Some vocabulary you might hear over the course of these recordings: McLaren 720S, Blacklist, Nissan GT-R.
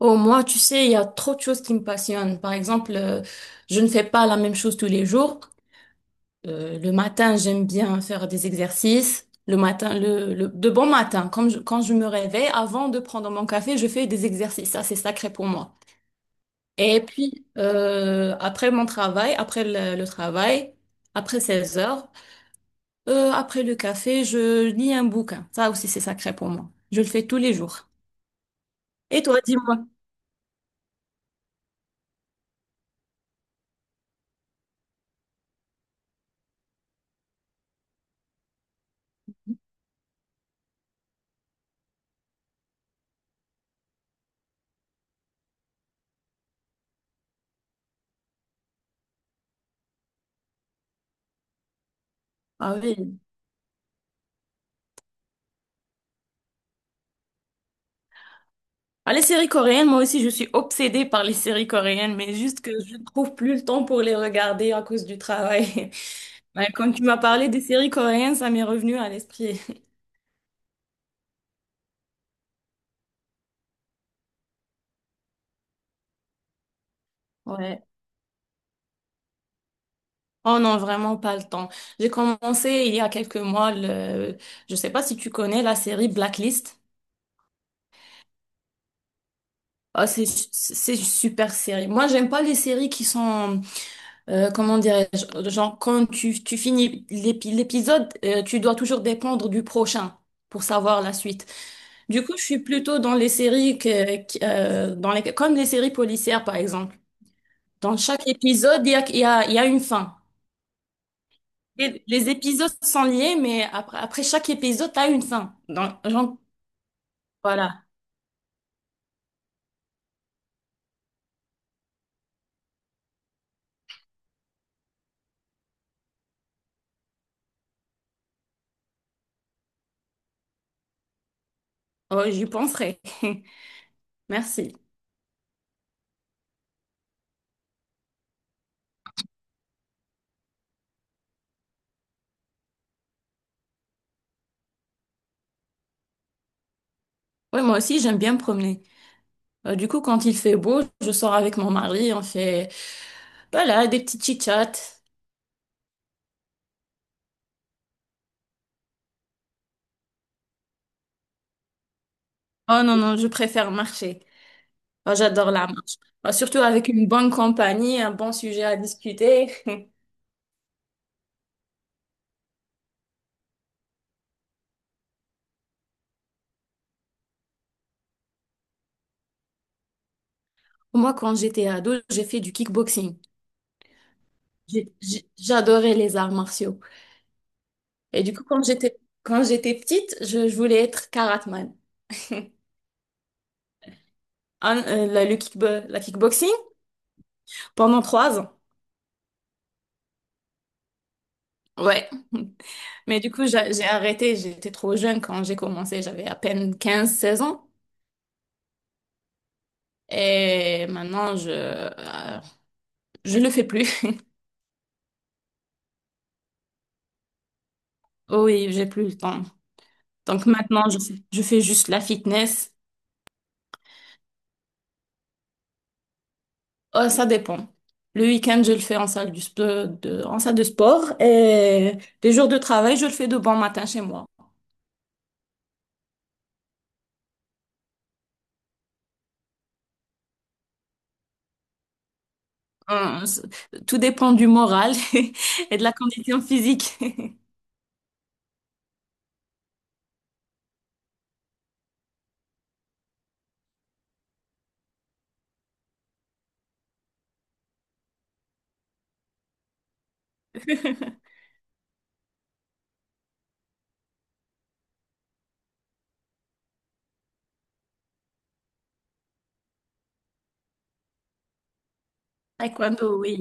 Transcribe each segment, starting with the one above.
Oh, moi, tu sais, il y a trop de choses qui me passionnent. Par exemple, je ne fais pas la même chose tous les jours. Le matin, j'aime bien faire des exercices. Le matin, de bon matin, comme quand je me réveille, avant de prendre mon café, je fais des exercices. Ça, c'est sacré pour moi. Et puis, après mon travail, après le travail, après 16 heures, après le café, je lis un bouquin. Ça aussi, c'est sacré pour moi. Je le fais tous les jours. Et toi, dis-moi. Ah oui. Ah, les séries coréennes, moi aussi, je suis obsédée par les séries coréennes, mais juste que je ne trouve plus le temps pour les regarder à cause du travail. Ouais, quand tu m'as parlé des séries coréennes, ça m'est revenu à l'esprit. Ouais. Oh non, vraiment pas le temps. J'ai commencé il y a quelques mois je sais pas si tu connais la série Blacklist. Ah, c'est une super série. Moi, j'aime pas les séries qui sont comment dirais-je, genre quand tu finis l'épisode, tu dois toujours dépendre du prochain pour savoir la suite. Du coup, je suis plutôt dans les séries dans les, comme les séries policières, par exemple. Dans chaque épisode, il y a une fin. Et les épisodes sont liés, mais après chaque épisode, tu as une fin. Donc, genre, voilà. Oh, j'y penserai. Merci. Oui, moi aussi, j'aime bien me promener. Du coup, quand il fait beau, je sors avec mon mari, on fait, voilà, des petits chit-chats. Oh non, non, je préfère marcher. Oh, j'adore la marche. Oh, surtout avec une bonne compagnie, un bon sujet à discuter. Moi, quand j'étais ado, j'ai fait du kickboxing. J'adorais les arts martiaux. Et du coup, quand j'étais petite, je voulais être karateman. La kickboxing pendant 3 ans. Ouais. Mais du coup, j'ai arrêté. J'étais trop jeune quand j'ai commencé. J'avais à peine 15 16 ans. Et maintenant, je le fais plus. Oui, j'ai plus le temps. Donc maintenant, je fais juste la fitness. Ça dépend. Le week-end, je le fais en salle de sport et les jours de travail, je le fais de bon matin chez moi. Hum, c- Tout dépend du moral et de la condition physique. Taekwondo, oui.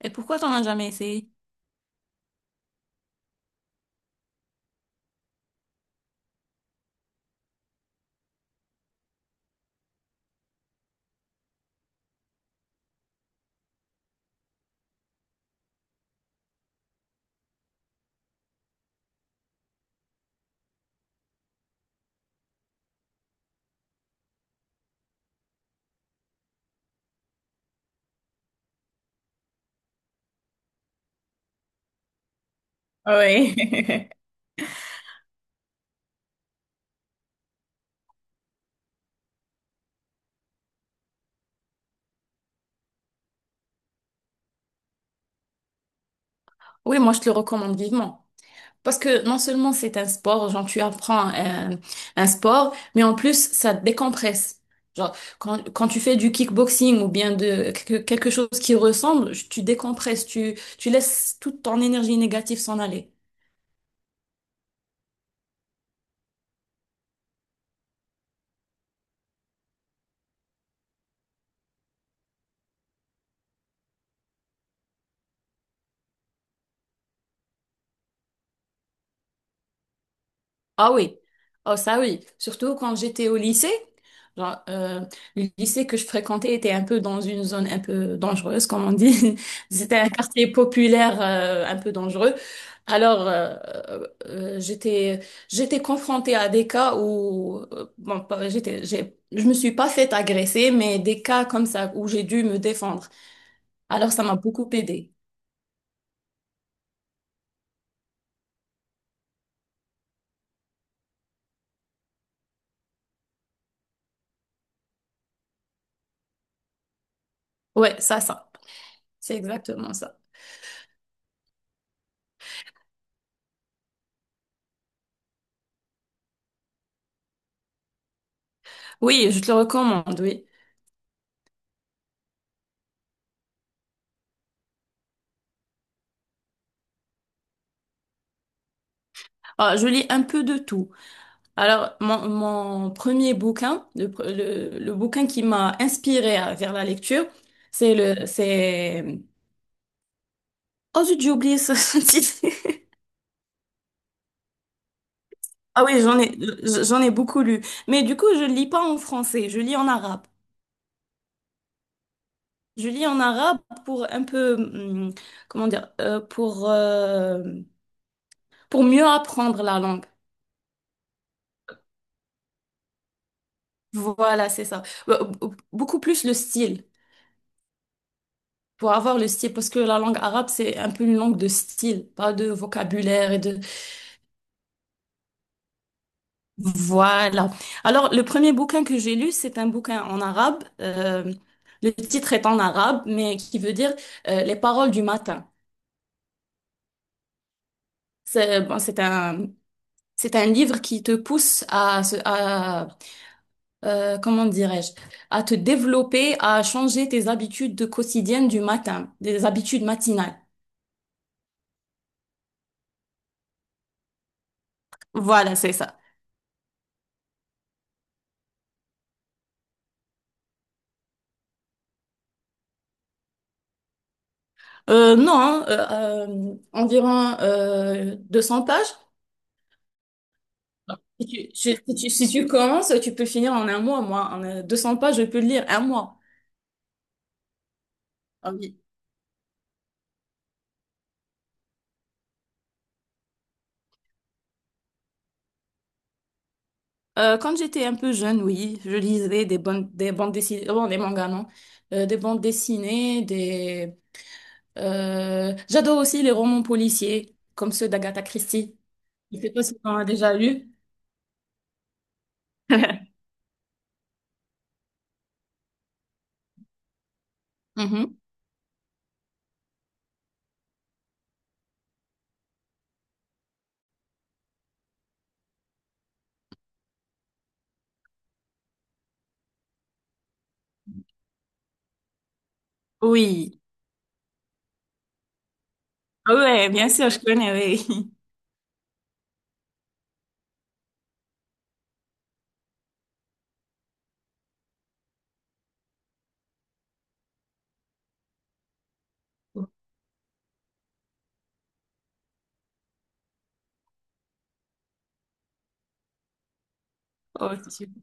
Et pourquoi t'en as jamais essayé? Oui. Oui, moi, je te le recommande vivement. Parce que non seulement c'est un sport, genre tu apprends un sport, mais en plus ça te décompresse. Genre quand tu fais du kickboxing ou bien de quelque chose qui ressemble, tu décompresses, tu laisses toute ton énergie négative s'en aller. Ah oui, oh ça oui, surtout quand j'étais au lycée. Genre, le lycée que je fréquentais était un peu dans une zone un peu dangereuse, comme on dit. C'était un quartier populaire, un peu dangereux. Alors, euh, j'étais j'étais confrontée à des cas où bon, pas- j'étais j'ai je me suis pas faite agresser, mais des cas comme ça où j'ai dû me défendre. Alors, ça m'a beaucoup aidée. Ouais, c'est exactement ça. Oui, je te le recommande. Oui. Ah, je lis un peu de tout. Alors, mon premier bouquin, le bouquin qui m'a inspiré vers la lecture, c'est oh zut, j'ai oublié ce titre. Ah oui, j'en ai beaucoup lu. Mais du coup, je lis pas en français, je lis en arabe. Je lis en arabe pour un peu, comment dire, pour mieux apprendre la langue. Voilà, c'est ça. Beaucoup plus le style, pour avoir le style, parce que la langue arabe, c'est un peu une langue de style, pas de vocabulaire et de. Voilà. Alors, le premier bouquin que j'ai lu, c'est un bouquin en arabe. Le titre est en arabe, mais qui veut dire Les paroles du matin. C'est bon, c'est un livre qui te pousse à comment dirais-je, à te développer, à changer tes habitudes de quotidiennes du matin, des habitudes matinales. Voilà, c'est ça. Non, hein, environ 200 pages. Si tu commences, tu peux finir en un mois, moi. En 200 pages, je peux le lire un mois. Ah oui. Quand j'étais un peu jeune, oui, je lisais des bandes dessinées, bon, des mangas, non. Des bandes dessinées, des. J'adore aussi les romans policiers, comme ceux d'Agatha Christie. Je ne sais pas si tu en as déjà lu. Mhm. Oui. Ah ouais, bien sûr, je connais, oui. Oh, c'est super.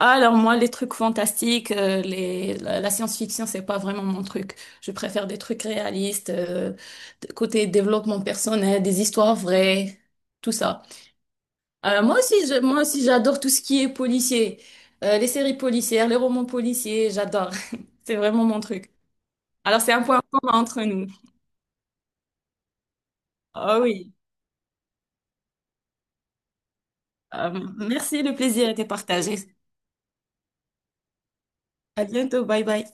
Alors moi, les trucs fantastiques, la science-fiction, c'est pas vraiment mon truc. Je préfère des trucs réalistes, côté développement personnel, des histoires vraies, tout ça. Moi aussi, j'adore tout ce qui est policier. Les séries policières, les romans policiers, j'adore. C'est vraiment mon truc. Alors c'est un point commun entre nous. Ah oui. Euh, merci, le plaisir était partagé. À bientôt, bye bye.